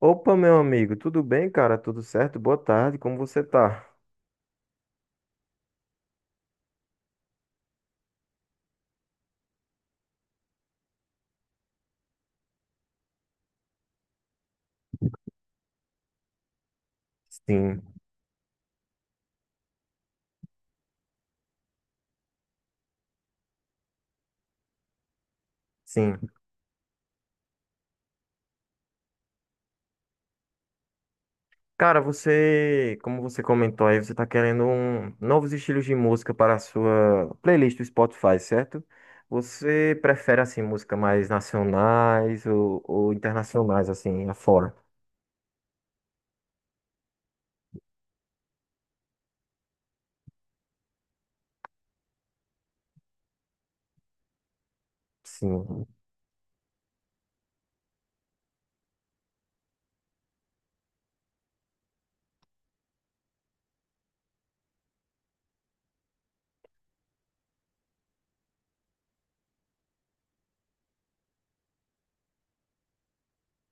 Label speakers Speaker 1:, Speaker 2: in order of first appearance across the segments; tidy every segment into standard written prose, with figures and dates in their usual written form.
Speaker 1: Opa, meu amigo, tudo bem, cara? Tudo certo? Boa tarde, como você tá? Sim, sim. Cara, como você comentou aí, você tá querendo novos estilos de música para a sua playlist do Spotify, certo? Você prefere, assim, música mais nacionais ou internacionais, assim, afora? Sim.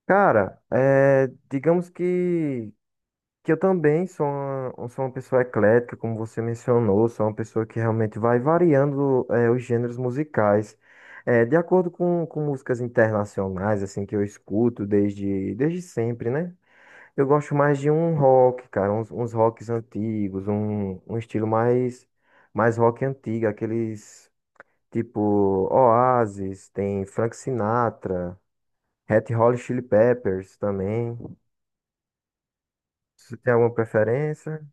Speaker 1: Cara, digamos que eu também sou uma pessoa eclética, como você mencionou, sou uma pessoa que realmente vai variando, os gêneros musicais. De acordo com músicas internacionais, assim, que eu escuto desde sempre, né? Eu gosto mais de um rock, cara, uns rocks antigos, um estilo mais, mais rock antigo, aqueles tipo Oasis, tem Frank Sinatra, Red Hot Chili Peppers também. Você tem alguma preferência?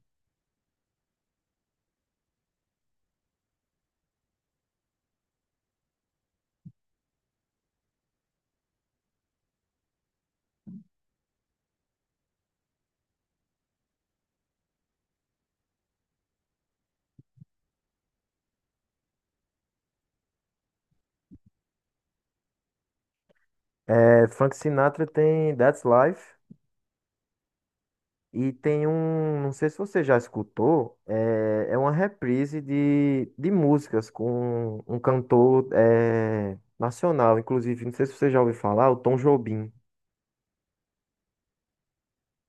Speaker 1: É, Frank Sinatra tem That's Life e tem um, não sei se você já escutou, é uma reprise de músicas com um cantor é, nacional, inclusive, não sei se você já ouviu falar, o Tom Jobim,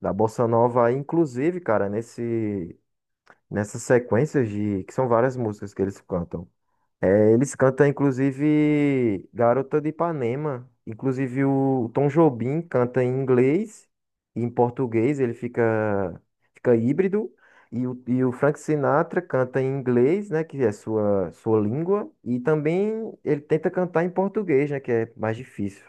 Speaker 1: da Bossa Nova, inclusive, cara, nesse, nessas sequências de, que são várias músicas que eles cantam. É, eles cantam, inclusive, Garota de Ipanema. Inclusive, o Tom Jobim canta em inglês e em português, fica híbrido. E o Frank Sinatra canta em inglês, né, que é sua língua. E também ele tenta cantar em português, né, que é mais difícil.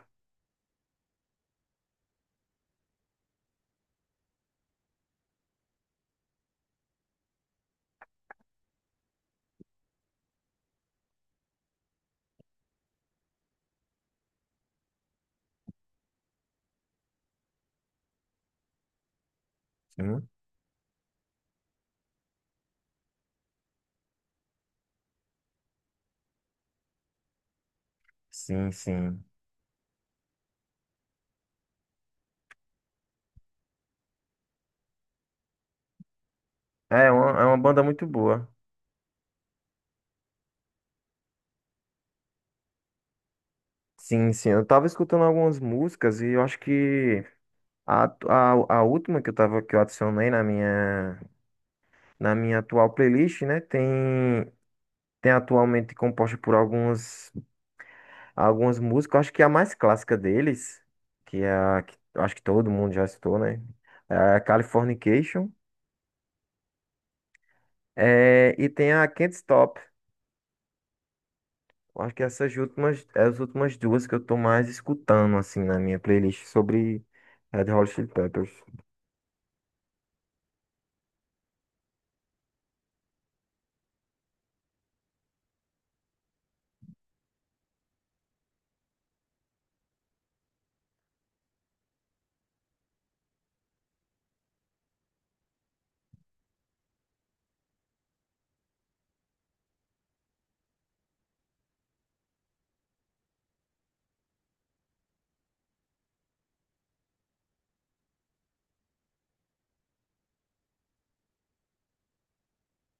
Speaker 1: Sim, sim, sim. É uma banda muito boa. Sim, sim. Eu tava escutando algumas músicas e eu acho que a última que eu tava, que eu adicionei na minha. Na minha atual playlist, né? Tem, tem atualmente composta por algumas, algumas músicas. Eu acho que a mais clássica deles, que é a que eu acho que todo mundo já citou, né? É a Californication. É, e tem a Can't Stop. Eu acho que essas últimas, é as últimas duas que eu tô mais escutando, assim, na minha playlist sobre Red Hot Chili Peppers.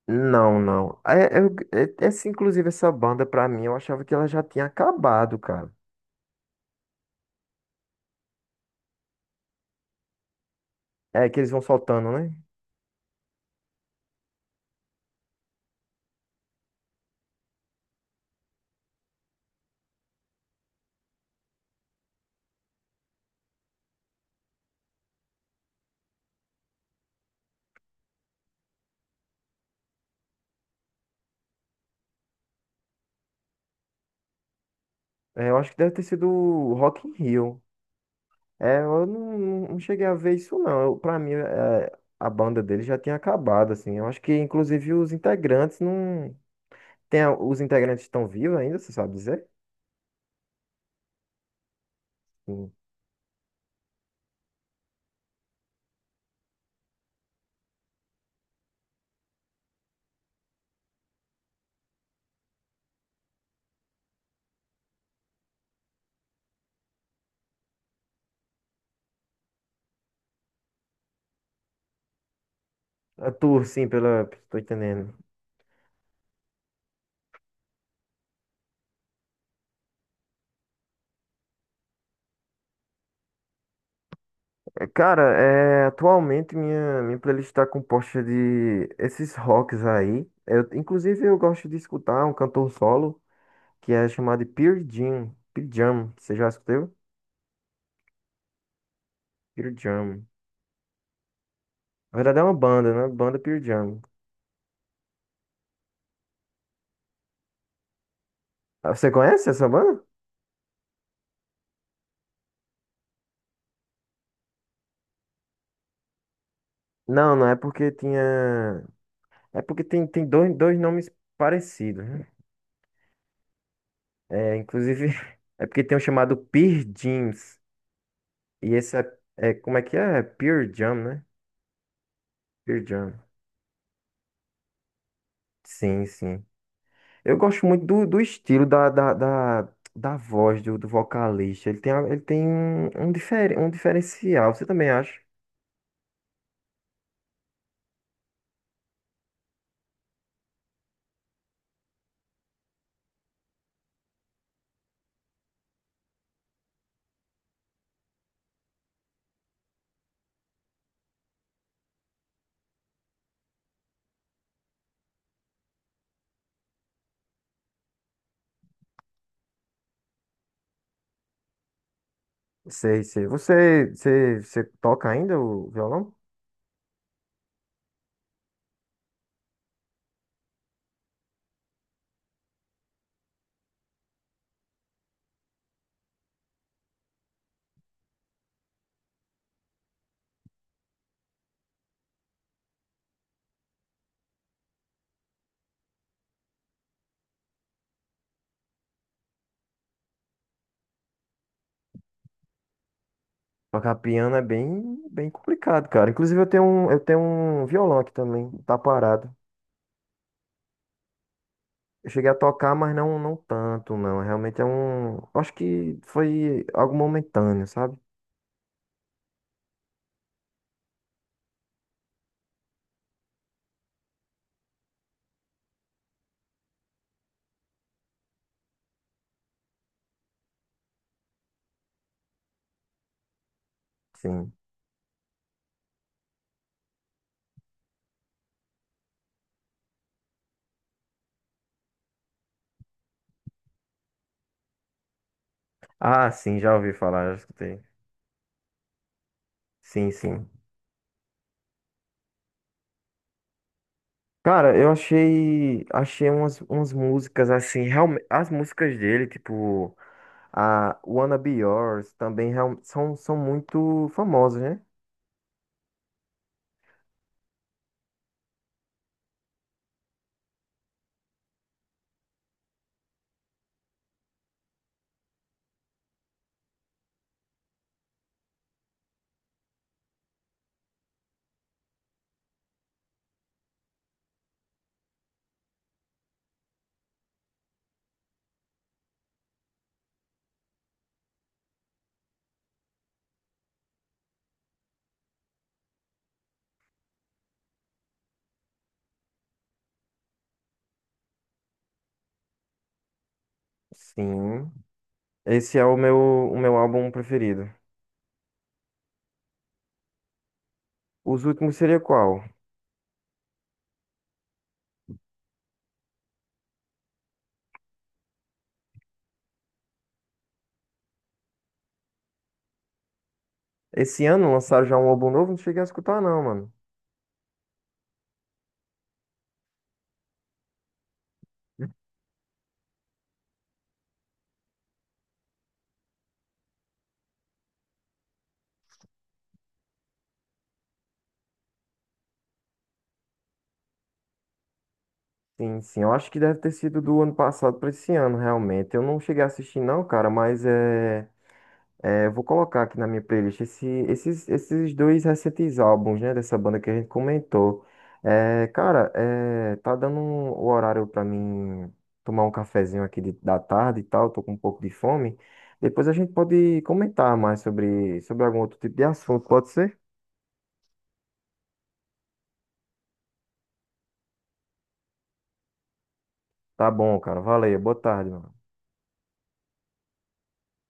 Speaker 1: Não, não. Inclusive, essa banda, pra mim, eu achava que ela já tinha acabado, cara. É que eles vão soltando, né? É, eu acho que deve ter sido o Rock in Rio. É, eu não, não cheguei a ver isso não. Eu, pra mim, é, a banda dele já tinha acabado, assim. Eu acho que, inclusive, os integrantes não... Tem, a- os integrantes estão vivos ainda, você sabe dizer? Sim. A tour, sim, pela... Tô entendendo. Atualmente minha, minha playlist tá composta de esses rocks aí. Eu, inclusive, eu gosto de escutar um cantor solo que é chamado de Pearl Jam. Pearl Jam, você já escutou? Pearl Jam. Na verdade é uma banda, né? Banda Pearl Jam. Ah, você conhece essa banda? Não, não é porque tinha. É porque tem, tem dois nomes parecidos, né? É, inclusive, é porque tem um chamado Pearl Jeans. E esse é, é. Como é que é? É Pearl Jam, né? Pearl Jam. Sim, sim. Eu gosto muito do, do estilo da voz do, do vocalista. Ele tem, a- ele tem um, diferen- um diferencial. Você também acha? Sei, sei. Você toca ainda o violão? Tocar piano é bem, bem complicado, cara. Inclusive, eu tenho um violão aqui também, tá parado. Eu cheguei a tocar, mas não tanto, não. Realmente é um. Acho que foi algo momentâneo, sabe? Sim. Ah, sim, já ouvi falar, já escutei. Sim, sim. Cara, achei umas, umas músicas assim, realmente, as músicas dele, tipo, a Wanna Be Yours, também real- são muito famosas, né? Sim. Esse é o meu álbum preferido. Os últimos seria qual? Esse ano lançaram já um álbum novo? Não cheguei a escutar, não, mano. Sim, sim. Eu acho que deve ter sido do ano passado pra esse ano, realmente. Eu não cheguei a assistir, não, cara, mas é. É, vou colocar aqui na minha playlist esse- esses, esses dois recentes álbuns, né, dessa banda que a gente comentou. Tá dando um- o horário pra mim tomar um cafezinho aqui de- da tarde e tal, tô com um pouco de fome. Depois a gente pode comentar mais sobre algum outro tipo de assunto, pode ser? Tá bom, cara. Valeu. Boa tarde, mano.